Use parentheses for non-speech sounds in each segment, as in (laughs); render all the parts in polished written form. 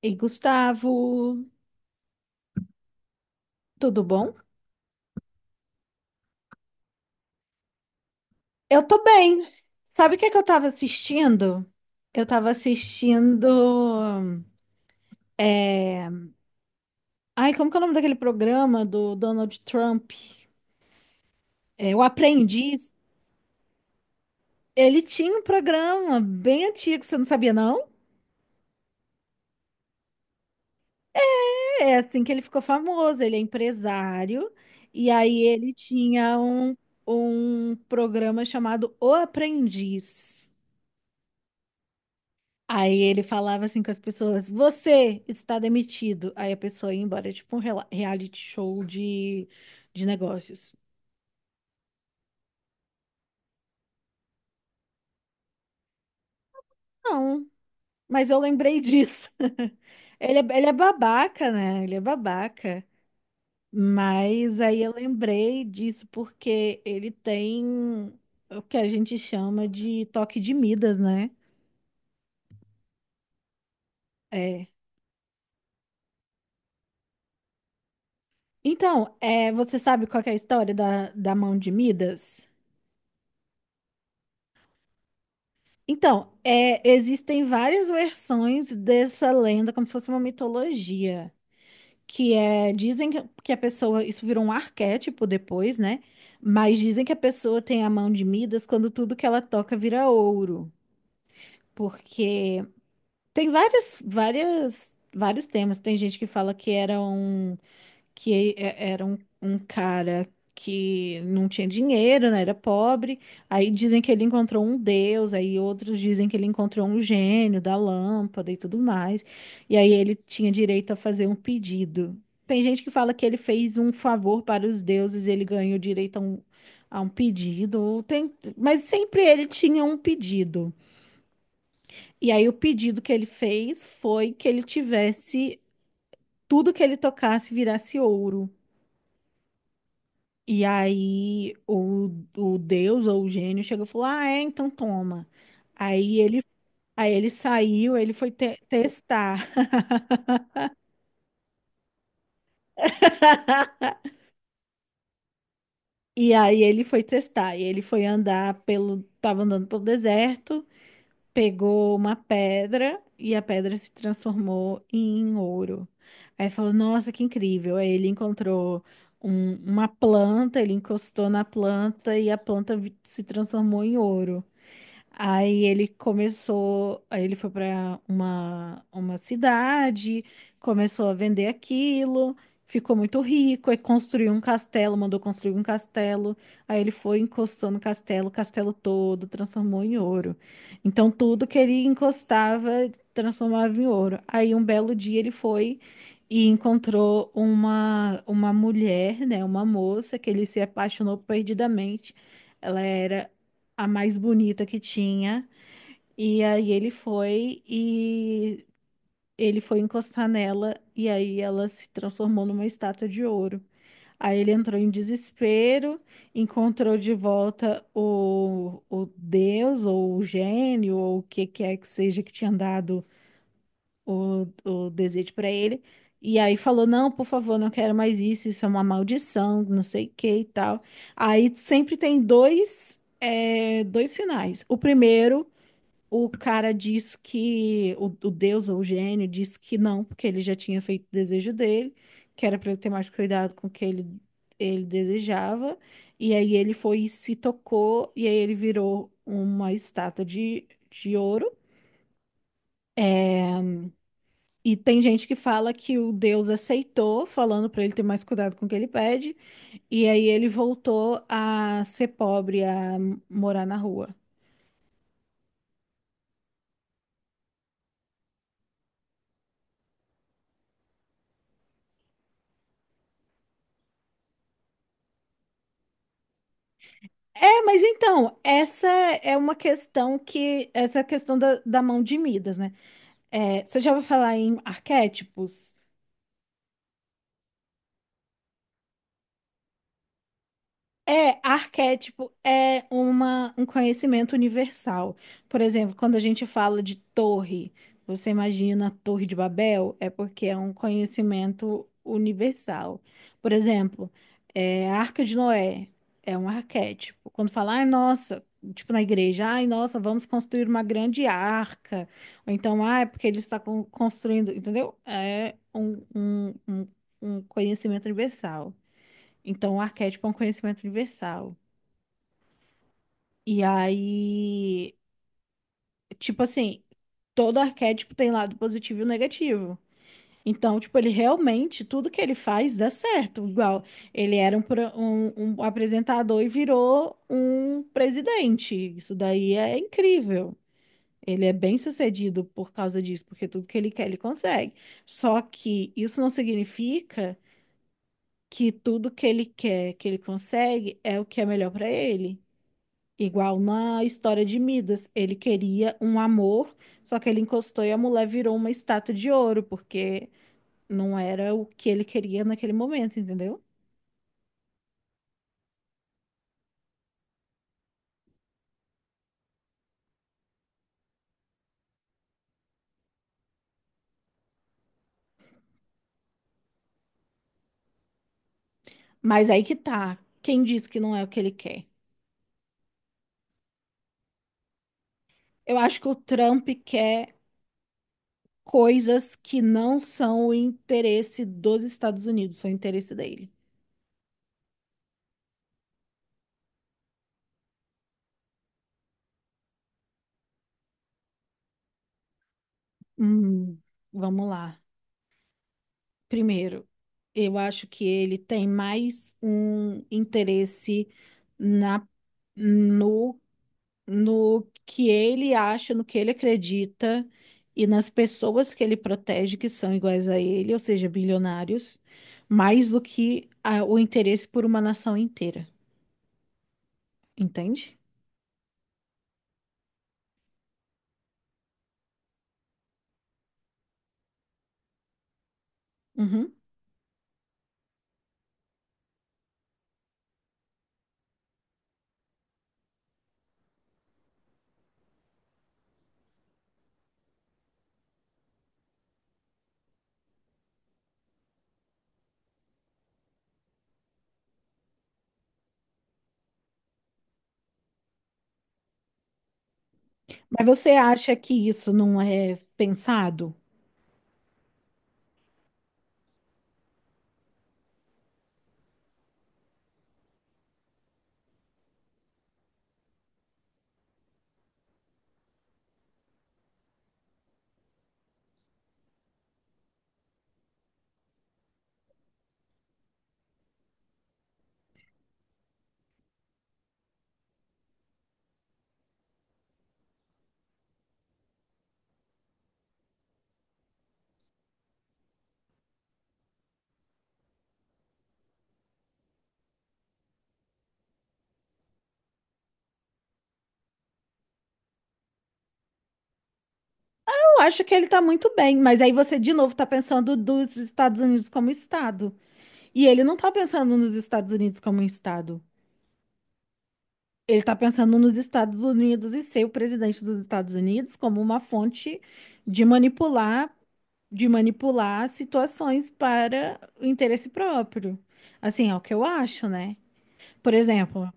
E Gustavo, tudo bom? Eu tô bem. Sabe o que é que eu tava assistindo? Eu tava assistindo. Ai, como que é o nome daquele programa do Donald Trump? É, O Aprendiz. Ele tinha um programa bem antigo, você não sabia, não? É assim que ele ficou famoso. Ele é empresário. E aí ele tinha um, um programa chamado O Aprendiz. Aí ele falava assim com as pessoas: você está demitido. Aí a pessoa ia embora, tipo um reality show de negócios. Não, mas eu lembrei disso. (laughs) Ele é babaca, né? Ele é babaca. Mas aí eu lembrei disso porque ele tem o que a gente chama de toque de Midas, né? É. Então, é, você sabe qual que é a história da, da mão de Midas? Então, é, existem várias versões dessa lenda, como se fosse uma mitologia, que é, dizem que a pessoa, isso virou um arquétipo depois, né? Mas dizem que a pessoa tem a mão de Midas quando tudo que ela toca vira ouro, porque tem várias, várias, vários temas. Tem gente que fala que eram que e- era um, um cara que não tinha dinheiro, né? Era pobre. Aí dizem que ele encontrou um deus, aí outros dizem que ele encontrou um gênio da lâmpada e tudo mais. E aí ele tinha direito a fazer um pedido. Tem gente que fala que ele fez um favor para os deuses, ele ganhou direito a um pedido. Ou Tem, mas sempre ele tinha um pedido. E aí o pedido que ele fez foi que ele tivesse tudo que ele tocasse virasse ouro. E aí o Deus ou o gênio chegou e falou: ah, é, então toma. Aí ele, aí ele saiu, ele foi testar. (laughs) E aí ele foi testar. E ele foi andar pelo. Tava andando pelo deserto, pegou uma pedra e a pedra se transformou em ouro. Aí falou: nossa, que incrível! Aí ele encontrou uma planta, ele encostou na planta e a planta se transformou em ouro. Aí ele foi para uma cidade, começou a vender aquilo, ficou muito rico, aí construiu um castelo, mandou construir um castelo. Aí ele foi encostando o castelo todo transformou em ouro. Então tudo que ele encostava transformava em ouro. Aí um belo dia ele foi e encontrou uma mulher, né, uma moça que ele se apaixonou perdidamente. Ela era a mais bonita que tinha. E aí ele foi e ele foi encostar nela e aí ela se transformou numa estátua de ouro. Aí ele entrou em desespero, encontrou de volta o Deus ou o gênio ou o que quer que seja que tinha dado o desejo para ele. E aí falou: não, por favor, não quero mais isso, isso é uma maldição, não sei o que e tal. Aí sempre tem dois, é, dois finais. O primeiro o cara diz que, o deus ou o gênio diz que não, porque ele já tinha feito o desejo dele, que era para ele ter mais cuidado com o que ele desejava. E aí ele foi e se tocou, e aí ele virou uma estátua de ouro. E tem gente que fala que o deus aceitou, falando para ele ter mais cuidado com o que ele pede, e aí ele voltou a ser pobre, a morar na rua. É, mas então, essa é uma questão que, essa é a questão da, da mão de Midas, né? É, você já vai falar em arquétipos? É, arquétipo é uma, um conhecimento universal. Por exemplo, quando a gente fala de torre, você imagina a Torre de Babel? É porque é um conhecimento universal. Por exemplo, é, a Arca de Noé é um arquétipo. Quando fala, ai, nossa, tipo na igreja, ai, nossa, vamos construir uma grande arca. Ou então, ah, é porque ele está construindo, entendeu? É um, um, um conhecimento universal. Então, o arquétipo é um conhecimento universal. E aí, tipo assim, todo arquétipo tem lado positivo e negativo. Então, tipo, ele realmente, tudo que ele faz dá certo. Igual, ele era um, um, um apresentador e virou um presidente. Isso daí é incrível. Ele é bem sucedido por causa disso, porque tudo que ele quer, ele consegue. Só que isso não significa que tudo que ele quer, que ele consegue, é o que é melhor para ele. Igual na história de Midas, ele queria um amor, só que ele encostou e a mulher virou uma estátua de ouro, porque não era o que ele queria naquele momento, entendeu? Mas aí que tá. Quem diz que não é o que ele quer? Eu acho que o Trump quer coisas que não são o interesse dos Estados Unidos, são o interesse dele. Hum, vamos lá. Primeiro, eu acho que ele tem mais um interesse na no no que ele acha, no que ele acredita e nas pessoas que ele protege que são iguais a ele, ou seja, bilionários, mais do que o interesse por uma nação inteira, entende? Uhum. Mas você acha que isso não é pensado? Eu acho que ele tá muito bem, mas aí você de novo tá pensando dos Estados Unidos como Estado. E ele não tá pensando nos Estados Unidos como Estado. Ele está pensando nos Estados Unidos e ser o presidente dos Estados Unidos como uma fonte de manipular, de manipular situações para o interesse próprio. Assim, é o que eu acho, né? Por exemplo,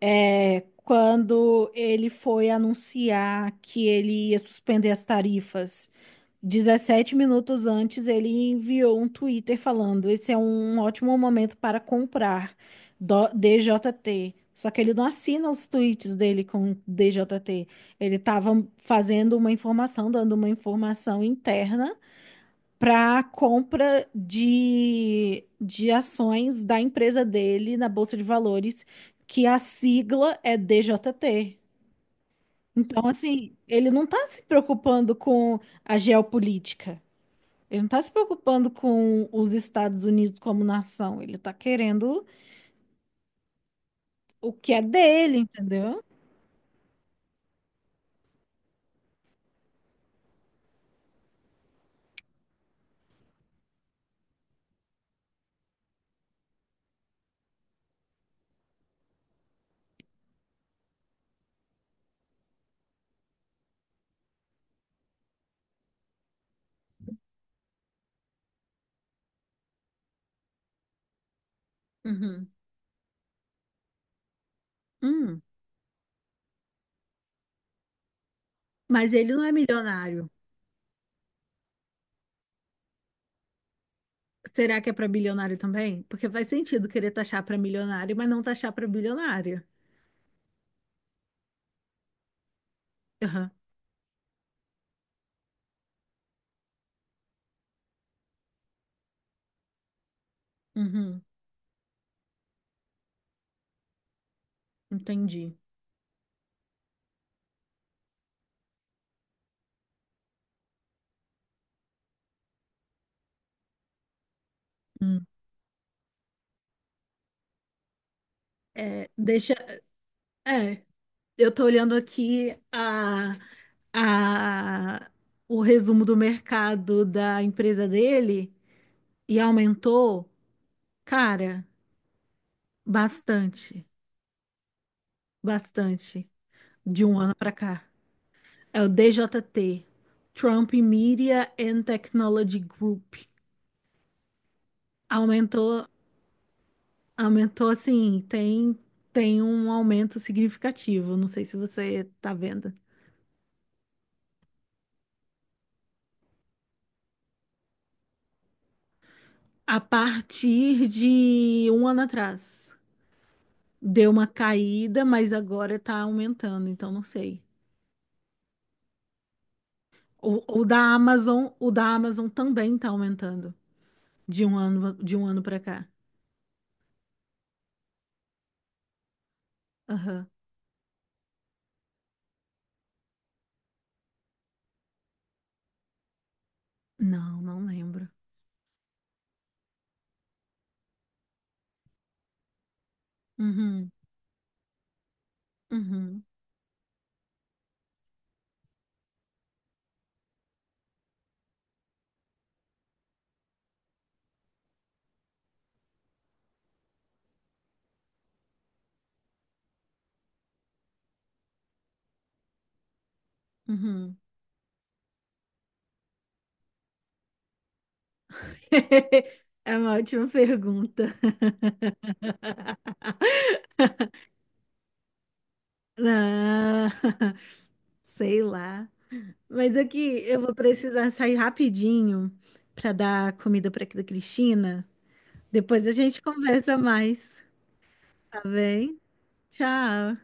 é, quando ele foi anunciar que ele ia suspender as tarifas 17 minutos antes, ele enviou um Twitter falando: esse é um ótimo momento para comprar DJT. Só que ele não assina os tweets dele com DJT. Ele estava fazendo uma informação, dando uma informação interna para compra de ações da empresa dele na Bolsa de Valores, que a sigla é DJT. Então, assim, ele não está se preocupando com a geopolítica. Ele não está se preocupando com os Estados Unidos como nação, ele está querendo o que é dele, entendeu? Uhum. Hum. Mas ele não é milionário. Será que é para bilionário também? Porque faz sentido querer taxar para milionário, mas não taxar para bilionário. Aham. Uhum. Entendi. Hum. É, deixa. É, eu tô olhando aqui a, o resumo do mercado da empresa dele e aumentou, cara, bastante. Bastante. De um ano para cá. É o DJT, Trump Media and Technology Group. Aumentou, aumentou assim, tem um aumento significativo, não sei se você tá vendo. A partir de um ano atrás, deu uma caída, mas agora está aumentando, então não sei. O da Amazon também está aumentando de um ano para cá. Aham. Não, não lembro. Uhum. Uhum, uhum. (laughs) É uma ótima pergunta. (laughs) Não, (laughs) sei lá. Mas aqui eu vou precisar sair rapidinho para dar comida para a Cristina. Depois a gente conversa mais, tá bem? Tchau.